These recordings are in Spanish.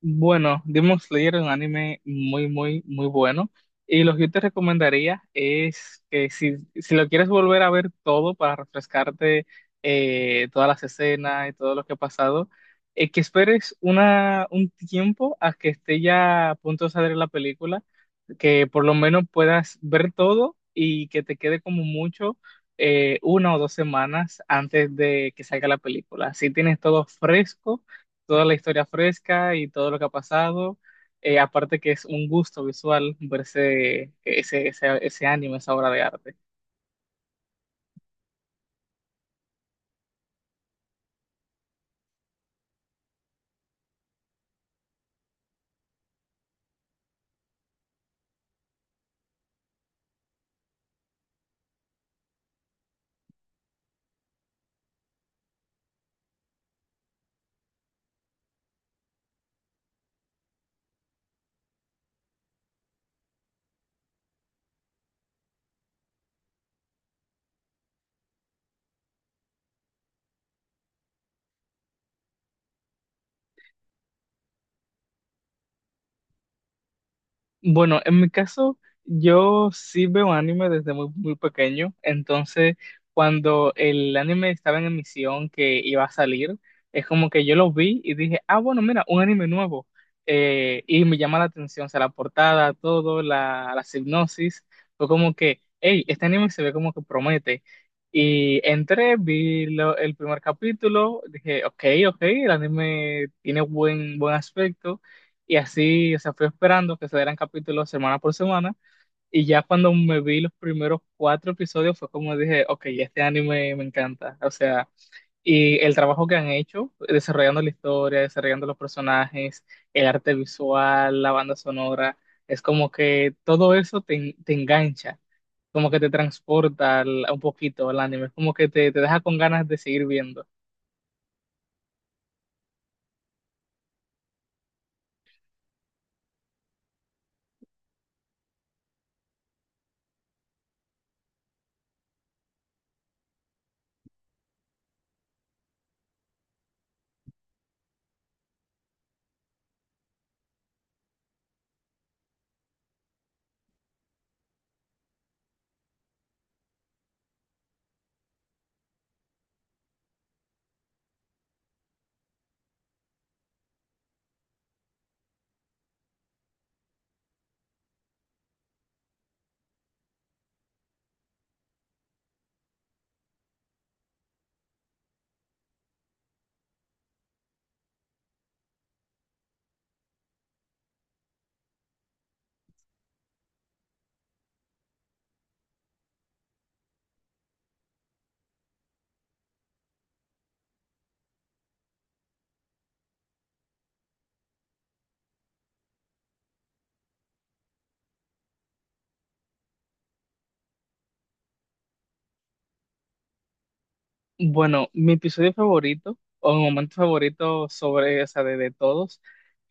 Bueno, Demon Slayer es un anime muy, muy, muy bueno. Y lo que yo te recomendaría es que si lo quieres volver a ver todo para refrescarte todas las escenas y todo lo que ha pasado, que esperes un tiempo a que esté ya a punto de salir la película, que por lo menos puedas ver todo y que te quede como mucho 1 o 2 semanas antes de que salga la película. Así tienes todo fresco, toda la historia fresca y todo lo que ha pasado. Aparte que es un gusto visual verse ese anime, esa obra de arte. Bueno, en mi caso, yo sí veo anime desde muy, muy pequeño, entonces cuando el anime estaba en emisión que iba a salir, es como que yo lo vi y dije, ah, bueno, mira, un anime nuevo. Y me llama la atención, o sea, la portada, todo, la sinopsis, fue como que, hey, este anime se ve como que promete. Y entré, vi el primer capítulo, dije, ok, ok, el anime tiene buen aspecto. Y así, o sea, fui esperando que se dieran capítulos semana por semana. Y ya cuando me vi los primeros cuatro episodios fue como dije, ok, este anime me encanta. O sea, y el trabajo que han hecho, desarrollando la historia, desarrollando los personajes, el arte visual, la banda sonora, es como que todo eso te engancha, como que te transporta un poquito al anime, es como que te deja con ganas de seguir viendo. Bueno, mi episodio favorito, o mi momento favorito sobre, o sea, de todos,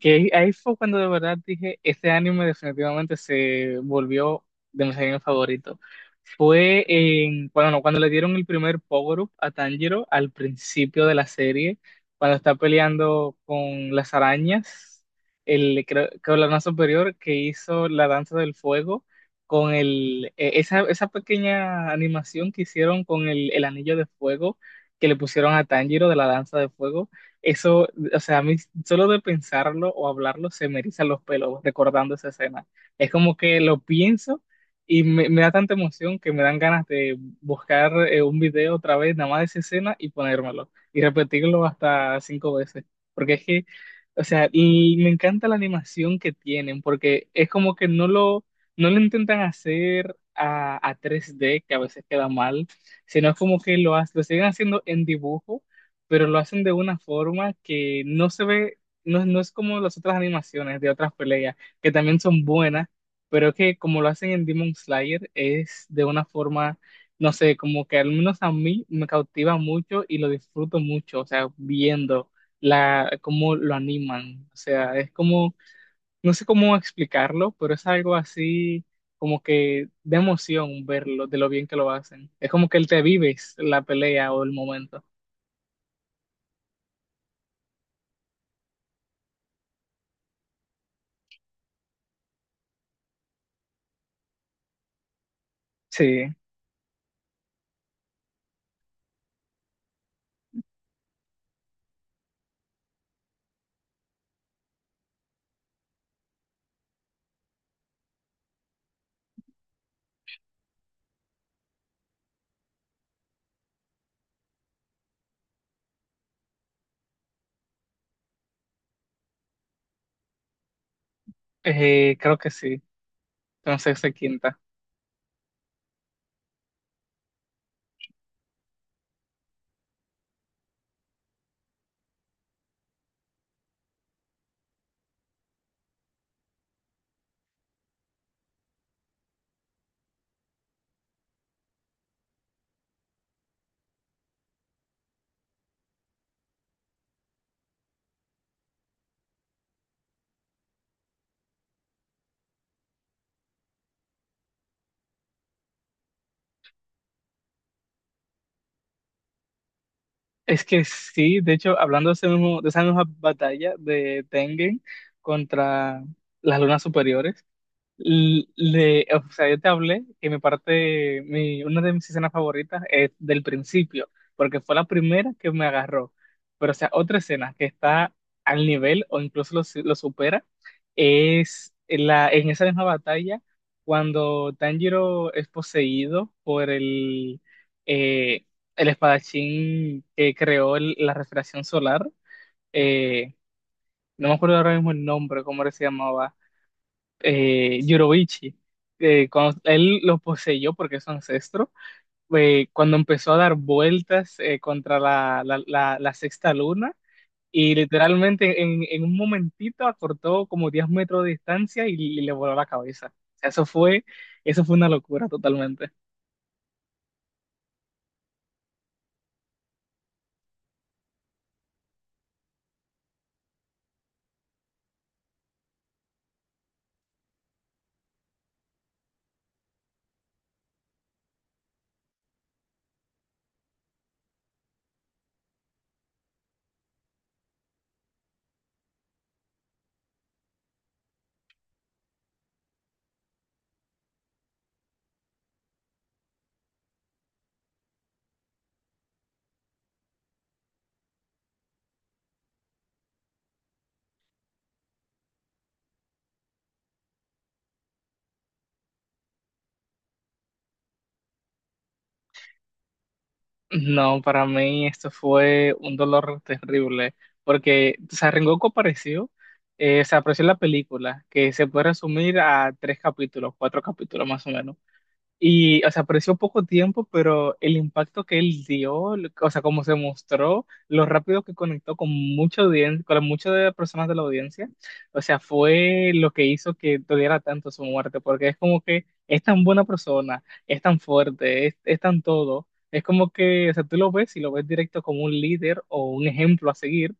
que ahí fue cuando de verdad dije, este anime definitivamente se volvió de mis animes favoritos. Fue en, bueno, no, cuando le dieron el primer power-up a Tanjiro al principio de la serie, cuando está peleando con las arañas, el, creo que la superior que hizo la danza del fuego con esa pequeña animación que hicieron con el anillo de fuego que le pusieron a Tanjiro de la danza de fuego, eso, o sea, a mí solo de pensarlo o hablarlo se me erizan los pelos recordando esa escena. Es como que lo pienso y me da tanta emoción que me dan ganas de buscar un video otra vez, nada más de esa escena y ponérmelo y repetirlo hasta cinco veces. Porque es que, o sea, y me encanta la animación que tienen, porque es como que no lo intentan hacer a 3D, que a veces queda mal, sino es como que lo siguen haciendo en dibujo, pero lo hacen de una forma que no se ve, no, no es como las otras animaciones de otras peleas, que también son buenas, pero que como lo hacen en Demon Slayer, es de una forma, no sé, como que al menos a mí me cautiva mucho y lo disfruto mucho, o sea, viendo cómo lo animan, o sea, es como no sé cómo explicarlo, pero es algo así como que de emoción verlo, de lo bien que lo hacen. Es como que te vives la pelea o el momento. Sí, creo que sí. Entonces se quinta. Es que sí, de hecho, hablando de, ese mismo, de esa misma batalla de Tengen contra las lunas superiores, o sea, yo te hablé que mi parte, una de mis escenas favoritas es del principio, porque fue la primera que me agarró. Pero, o sea, otra escena que está al nivel o incluso lo supera es en esa misma batalla cuando Tanjiro es poseído por eh, el espadachín que creó la refracción solar. Eh, no me acuerdo ahora mismo el nombre, cómo era que se llamaba Yurobichi, cuando él lo poseyó porque es su ancestro, cuando empezó a dar vueltas contra la sexta luna y literalmente en un momentito acortó como 10 metros de distancia y le voló la cabeza. O sea, eso fue una locura totalmente. No, para mí esto fue un dolor terrible porque o sea, Rengoku apareció. Se apareció en la película, que se puede resumir a tres capítulos, cuatro capítulos más o menos. Y, o sea, apareció poco tiempo, pero el impacto que él dio, o sea, cómo se mostró, lo rápido que conectó con mucha audiencia, con muchas de las personas de la audiencia, o sea, fue lo que hizo que doliera tanto su muerte, porque es como que es tan buena persona, es tan fuerte, es tan todo, es como que, o sea, tú lo ves y lo ves directo como un líder o un ejemplo a seguir,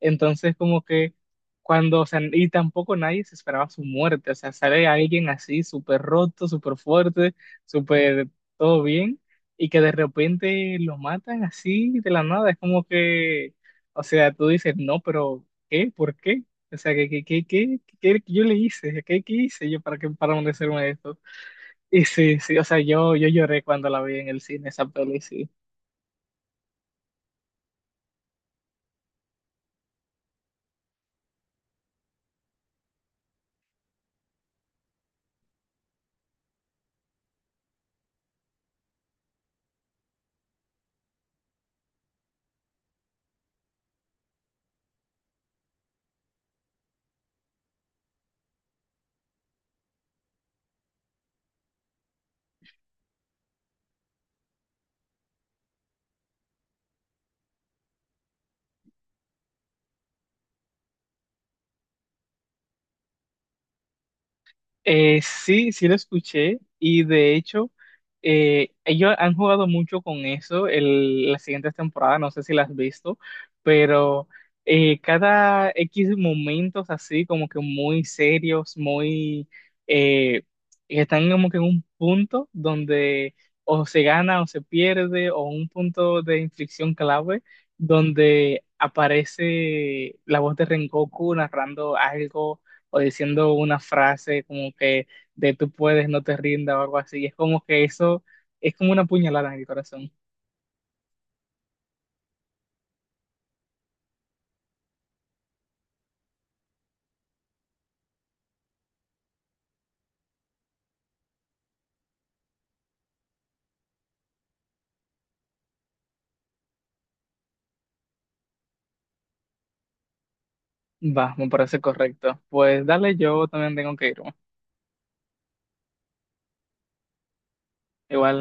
entonces como que cuando, o sea, y tampoco nadie se esperaba su muerte, o sea, sale alguien así súper roto, súper fuerte, súper todo bien, y que de repente lo matan así de la nada. Es como que, o sea, tú dices, no, pero ¿qué? ¿Por qué? O sea, ¿qué yo le hice? ¿Qué hice yo para merecerme esto? Y sí, sí, o sea, yo lloré cuando la vi en el cine, esa peli, sí. Sí, sí lo escuché y de hecho ellos han jugado mucho con eso las siguientes temporadas, no sé si las has visto, pero cada X momentos así como que muy serios, muy eh, que están como que en un punto donde o se gana o se pierde o un punto de inflexión clave donde aparece la voz de Rengoku narrando algo o diciendo una frase como que de tú puedes, no te rindas o algo así. Es como que eso es como una puñalada en el corazón. Va, me parece correcto. Pues dale, yo también tengo que irme. Igual.